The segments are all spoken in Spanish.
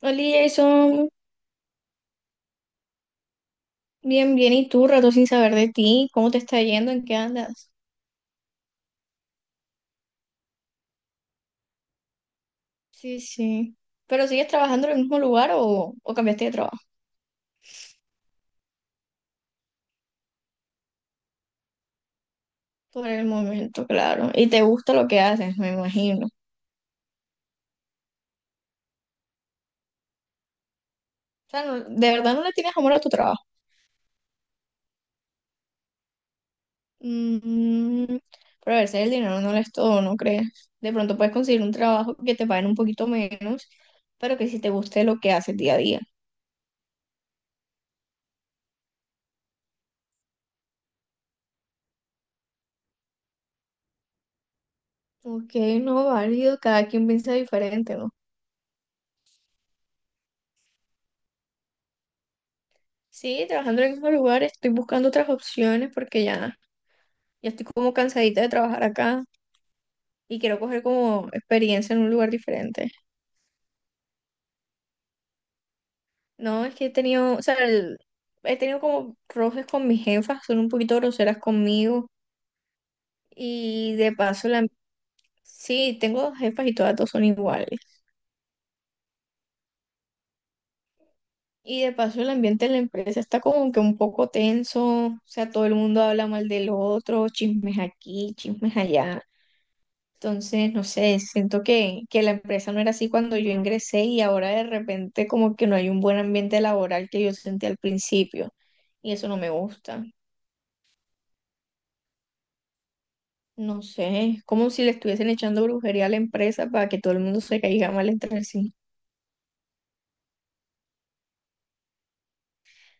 Hola Jason, bien, bien, ¿y tú? Rato sin saber de ti, ¿cómo te está yendo? ¿En qué andas? Sí, sí. ¿Pero sigues trabajando en el mismo lugar o cambiaste de trabajo? Por el momento, claro. Y te gusta lo que haces, me imagino. O sea, de verdad no le tienes amor a tu trabajo. Mm, pero a veces el dinero no lo es todo, ¿no crees? De pronto puedes conseguir un trabajo que te paguen un poquito menos, pero que sí te guste lo que haces día a día. Ok, no, válido, cada quien piensa diferente, ¿no? Sí, trabajando en el mismo lugar, estoy buscando otras opciones porque ya estoy como cansadita de trabajar acá y quiero coger como experiencia en un lugar diferente. No, es que he tenido, o sea, he tenido como roces con mis jefas, son un poquito groseras conmigo y de paso la, sí, tengo dos jefas y todas dos son iguales. Y de paso el ambiente en la empresa está como que un poco tenso, o sea, todo el mundo habla mal del otro, chismes aquí, chismes allá. Entonces, no sé, que la empresa no era así cuando yo ingresé y ahora de repente como que no hay un buen ambiente laboral que yo sentí al principio y eso no me gusta. No sé, es como si le estuviesen echando brujería a la empresa para que todo el mundo se caiga mal entre sí.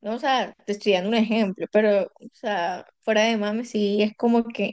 No, o sea, te estoy dando un ejemplo, pero, o sea, fuera de mame, sí, es como que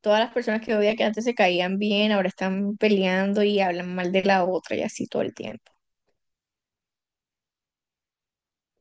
todas las personas que yo veía que antes se caían bien, ahora están peleando y hablan mal de la otra y así todo el tiempo.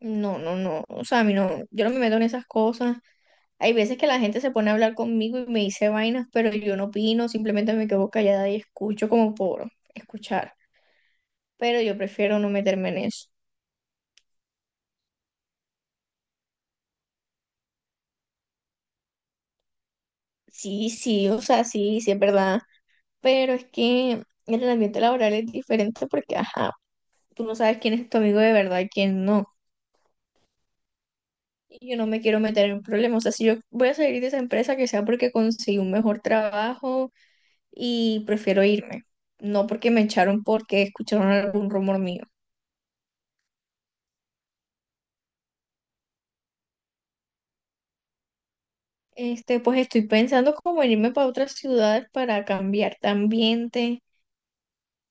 No, no, no, o sea, a mí no, yo no me meto en esas cosas. Hay veces que la gente se pone a hablar conmigo y me dice vainas, pero yo no opino, simplemente me quedo callada y escucho como por escuchar. Pero yo prefiero no meterme en eso. Sí, sí, o sea, sí, sí es verdad. Pero es que el ambiente laboral es diferente porque, ajá, tú no sabes quién es tu amigo de verdad y quién no. Y yo no me quiero meter en problemas. O sea, si yo voy a salir de esa empresa, que sea porque conseguí un mejor trabajo y prefiero irme. No porque me echaron porque escucharon algún rumor mío. Este, pues estoy pensando como en irme para otras ciudades para cambiar de ambiente.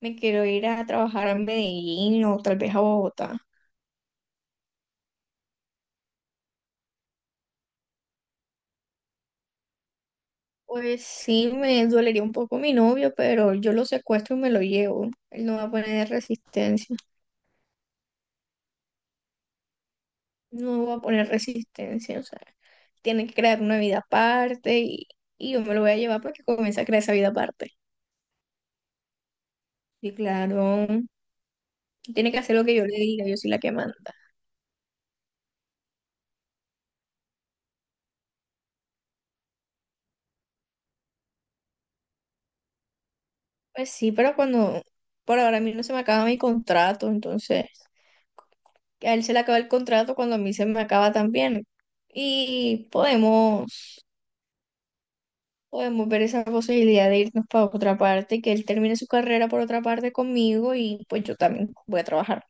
Me quiero ir a trabajar a Medellín o tal vez a Bogotá. Pues sí, me dolería un poco mi novio, pero yo lo secuestro y me lo llevo. Él no va a poner resistencia. No va a poner resistencia. O sea, tiene que crear una vida aparte y yo me lo voy a llevar para que comience a crear esa vida aparte. Y claro, tiene que hacer lo que yo le diga, yo soy la que manda. Pues sí, pero cuando, por ahora a mí no se me acaba mi contrato, entonces a él se le acaba el contrato cuando a mí se me acaba también. Y podemos, podemos ver esa posibilidad de irnos para otra parte, que él termine su carrera por otra parte conmigo y pues yo también voy a trabajar.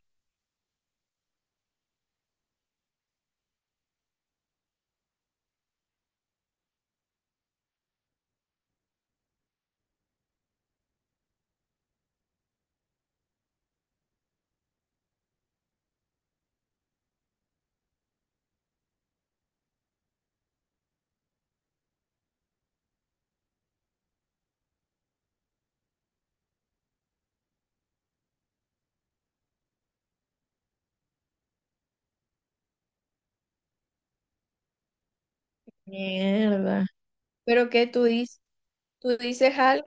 Mierda. Pero que tú dices, tú dices algo,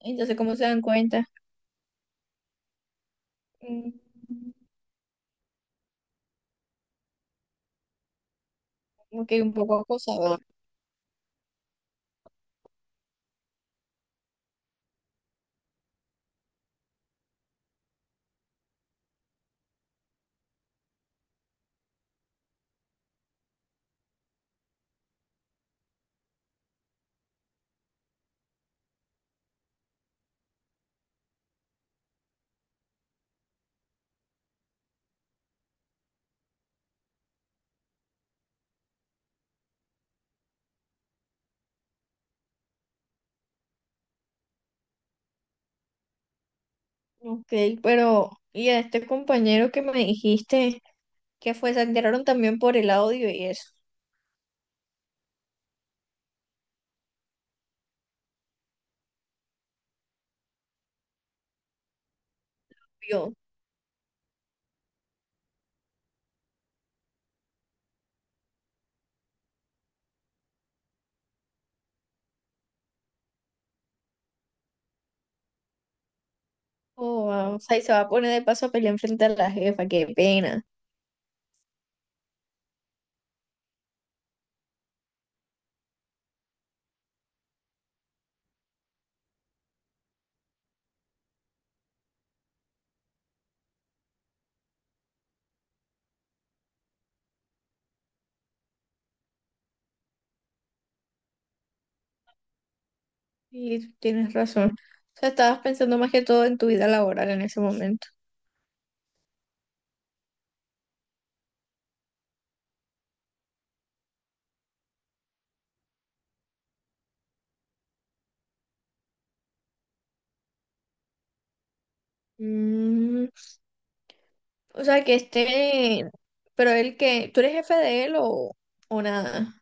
entonces ¿cómo se dan cuenta? Mm, ok, un poco acosador. Ok, pero ¿y a este compañero que me dijiste? Que fue, se enteraron también por el audio y eso. Yo, oh, wow, o sea, y se va a poner de paso a pelear enfrente a la jefa, qué pena. Y tú tienes razón. O sea, estabas pensando más que todo en tu vida laboral en ese momento. Mm, o sea, que esté, pero él que, ¿tú eres jefe de él o nada?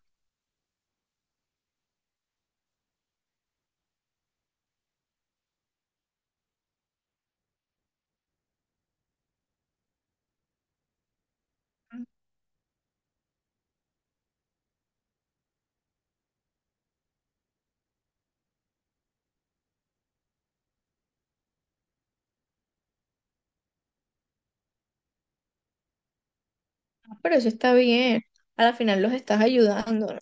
Ah, pero eso está bien. A la final los estás ayudando, ¿no?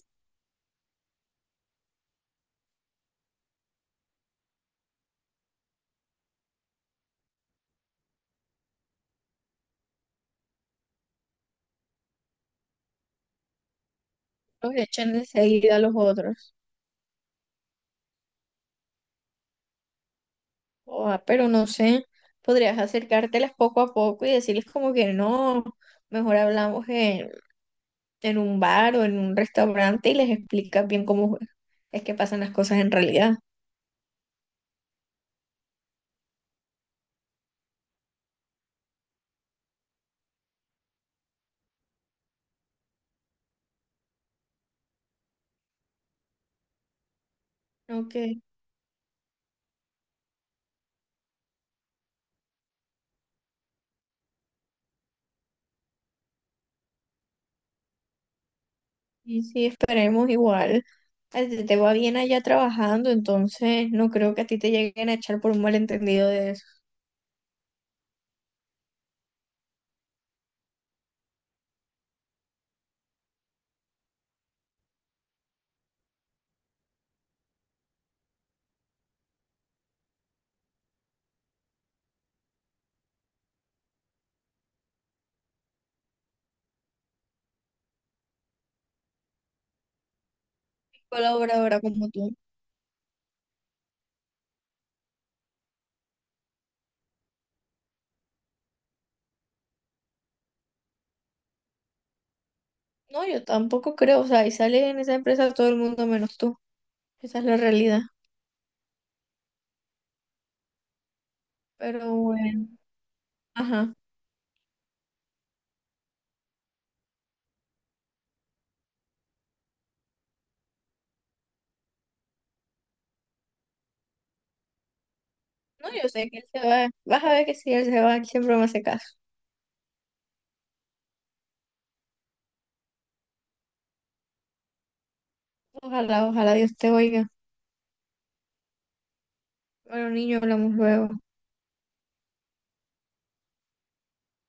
Los echan enseguida a los otros. Oh, pero no sé, podrías acercártelas poco a poco y decirles como que no, mejor hablamos en un bar o en un restaurante y les explicas bien cómo es que pasan las cosas en realidad. Ok, y sí, esperemos igual. A ti te va bien allá trabajando, entonces no creo que a ti te lleguen a echar por un malentendido de eso. Colaboradora como tú. No, yo tampoco creo, o sea, y sale en esa empresa todo el mundo menos tú. Esa es la realidad. Pero bueno, ajá. No, yo sé que él se va. Vas a ver que si él se va, él siempre me hace caso. Ojalá, ojalá Dios te oiga. Bueno, niño, hablamos luego.